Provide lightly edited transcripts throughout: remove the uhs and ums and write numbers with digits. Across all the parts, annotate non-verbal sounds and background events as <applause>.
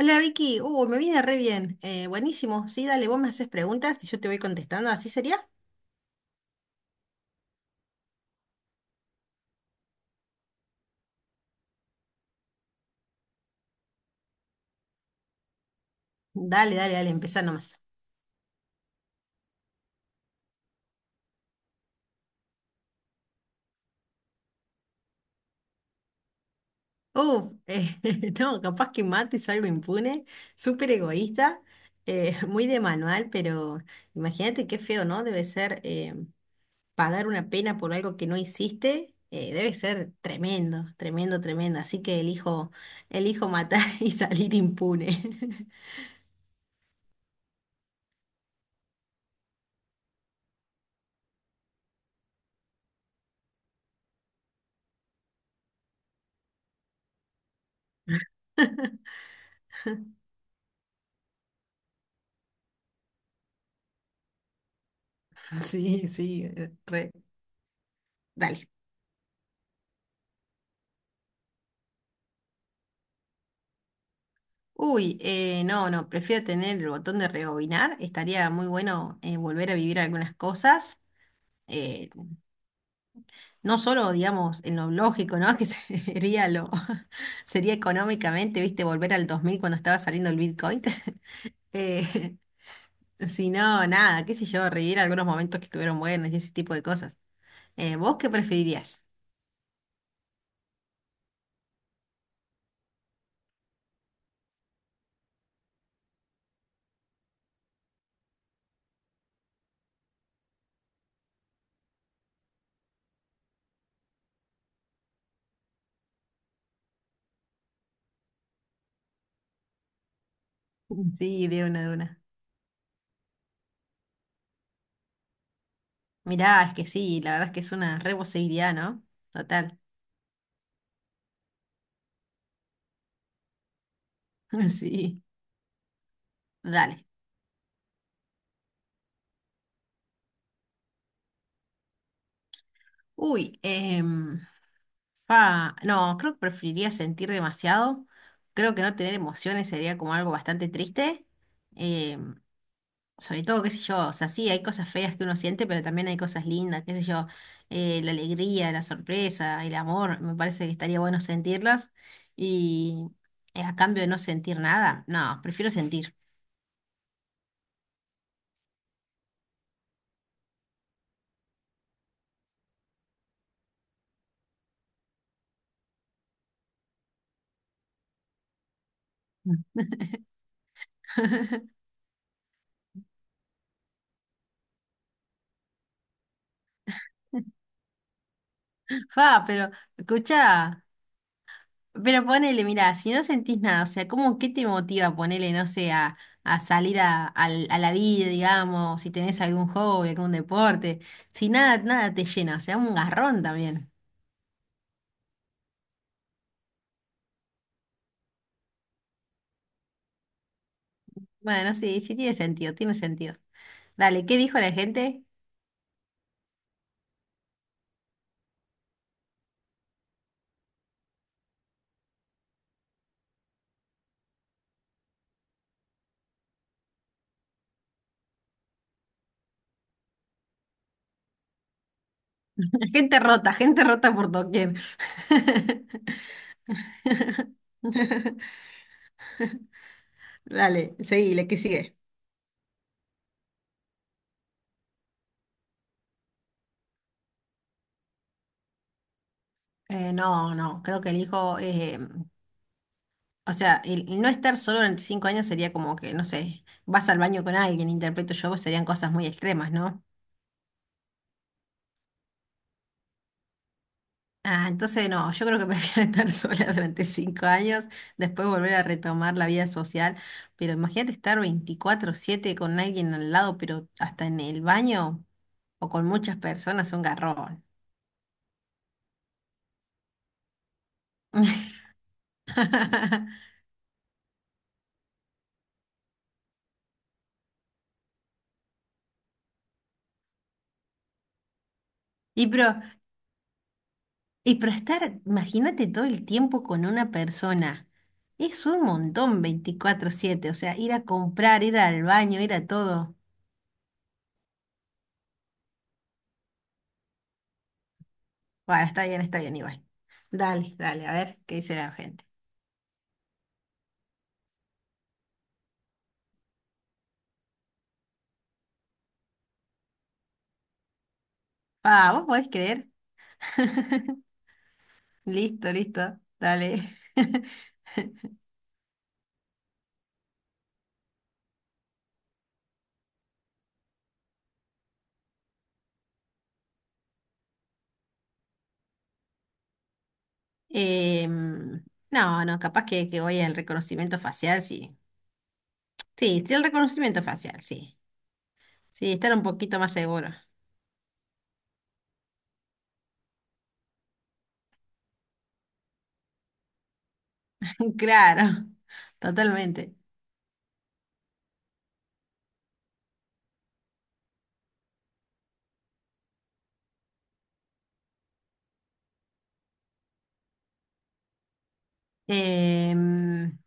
Hola Vicky, me viene re bien. Buenísimo, sí, dale, vos me haces preguntas y yo te voy contestando, ¿así sería? Dale, dale, dale, empezá nomás. Uf, <laughs> no, capaz que mato y salgo impune, súper egoísta, <laughs> muy de manual, pero imagínate qué feo, ¿no? Debe ser pagar una pena por algo que no hiciste. Debe ser tremendo, tremendo, tremendo. Así que elijo matar <laughs> y salir impune. <laughs> Sí, sí, re. Dale. Uy, no, no, prefiero tener el botón de rebobinar. Estaría muy bueno, volver a vivir algunas cosas. eh, no solo, digamos, en lo lógico, ¿no? <laughs> <laughs> Sería económicamente, viste, volver al 2000 cuando estaba saliendo el Bitcoin. <laughs> eh, <laughs> si no, nada, qué sé yo, revivir algunos momentos que estuvieron buenos y ese tipo de cosas. ¿Vos qué preferirías? Sí, de una, de una. Mirá, es que sí, la verdad es que es una re posibilidad, ¿no? Total. <laughs> Sí, dale. Uy, ah, no, creo que preferiría sentir demasiado. Creo que no tener emociones sería como algo bastante triste. Eh, Sobre todo, qué sé yo, o sea, sí, hay cosas feas que uno siente, pero también hay cosas lindas, qué sé yo, la alegría, la sorpresa, el amor, me parece que estaría bueno sentirlos. Y a cambio de no sentir nada, no, prefiero sentir. Mm. <laughs> Fa, pero escucha. Pero ponele, mira, si no sentís nada, o sea, ¿cómo qué te motiva ponele, no sé, a salir a la vida, digamos, si tenés algún hobby, algún deporte, si nada, nada te llena, o sea, un garrón también? Bueno, sí, sí tiene sentido, tiene sentido. Dale, ¿qué dijo la gente? <laughs> Gente rota por doquier. <laughs> Dale, seguí, la que sigue. No, no, creo que elijo. O sea, el no estar solo durante 5 años sería como que, no sé, vas al baño con alguien, interpreto yo, pues serían cosas muy extremas, ¿no? Ah, entonces no, yo creo que prefiero <laughs> estar sola durante 5 años, después volver a retomar la vida social, pero imagínate estar 24/7 con alguien al lado, pero hasta en el baño o con muchas personas, un garrón. <laughs> Y pero Y para estar, imagínate todo el tiempo con una persona. Es un montón 24/7, o sea, ir a comprar, ir al baño, ir a todo. Bueno, está bien, igual. Dale, dale, a ver qué dice la gente. Ah, ¿vos podés creer? <laughs> Listo, listo, dale. <laughs> Em, no, no, capaz que, voy al reconocimiento facial, sí. Sí, sí, el reconocimiento facial, sí. Sí, estar un poquito más seguro. <laughs> Claro, totalmente. Em,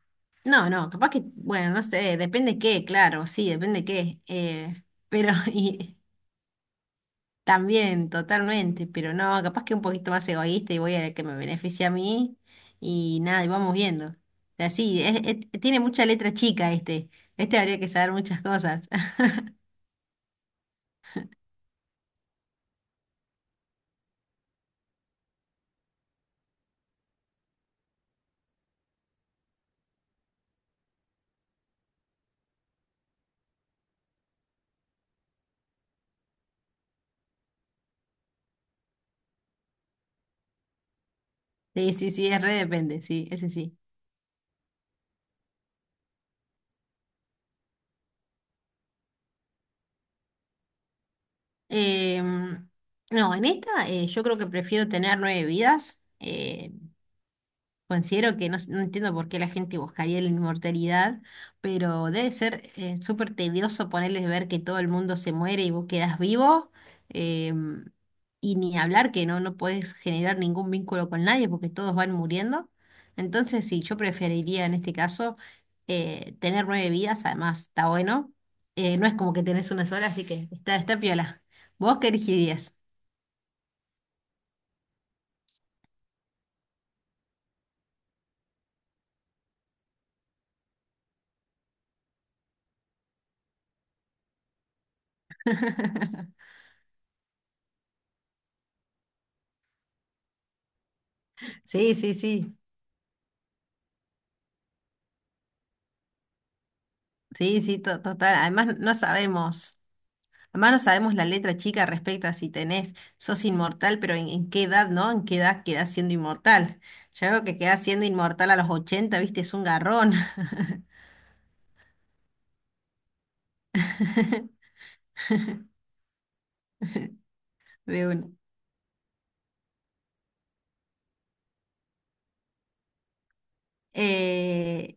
no, no, capaz que, bueno, no sé, depende qué, claro, sí, depende qué. Pero, <laughs> y también, totalmente, pero no, capaz que un poquito más egoísta y voy a que me beneficie a mí y nada, y vamos viendo. O sea, sí, tiene mucha letra chica este. Este habría que saber muchas cosas. <laughs> Sí, sí, sí, es re depende, sí, ese sí. Em, no, en esta yo creo que prefiero tener nueve vidas. Considero que no, no entiendo por qué la gente buscaría la inmortalidad, pero debe ser súper tedioso ponerles ver que todo el mundo se muere y vos quedás vivo. em, y ni hablar que no, no podés generar ningún vínculo con nadie porque todos van muriendo. Entonces, sí, yo preferiría en este caso, tener nueve vidas, además está bueno. No es como que tenés una sola, así que está piola. ¿Vos qué elegirías? <laughs> Sí, sí, sí. Sí, sí, total. Además, no sabemos. Además no sabemos la letra chica respecto a si tenés, sos inmortal, pero en qué edad, ¿no? ¿En qué edad quedás siendo inmortal? Ya veo que quedás siendo inmortal a los 80, viste, es un garrón. <laughs> De una. Eh,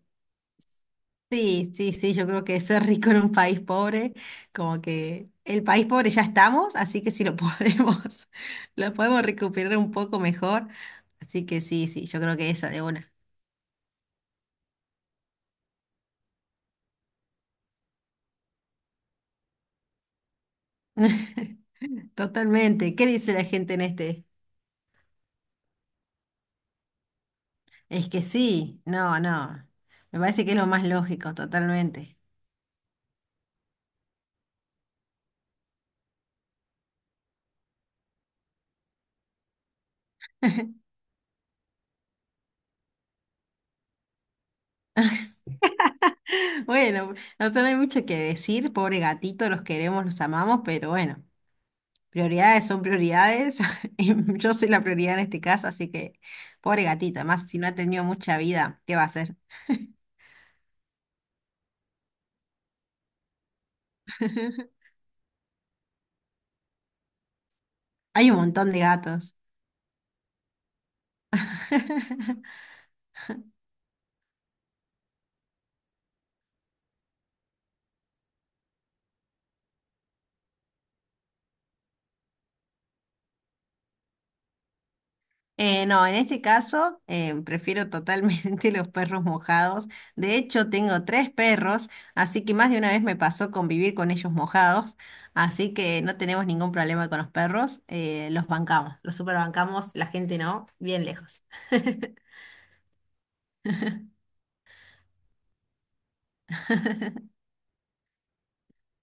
sí, sí, sí, yo creo que ser rico en un país pobre, como que el país pobre ya estamos, así que si lo podemos, <laughs> lo podemos recuperar un poco mejor. Así que sí, sí, yo creo que esa de una. <laughs> Totalmente. ¿Qué dice la gente en este? Es que sí, no, no. Me parece que es lo más lógico, totalmente. <laughs> Bueno, o sea, no hay mucho que decir, pobre gatito, los queremos, los amamos, pero bueno, prioridades son prioridades. <laughs> Y yo soy la prioridad en este caso, así que pobre gatito, además si no ha tenido mucha vida, ¿qué va a hacer? <laughs> Hay un montón de gatos. <laughs> No, en este caso prefiero totalmente <laughs> los perros mojados. De hecho, tengo tres perros, así que más de una vez me pasó convivir con ellos mojados, así que no tenemos ningún problema con los perros. Los bancamos, los superbancamos, la gente no, bien lejos. <laughs>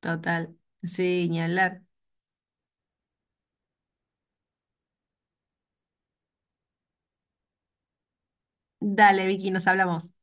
Total, sí, ni hablar. Dale, Vicky, nos hablamos.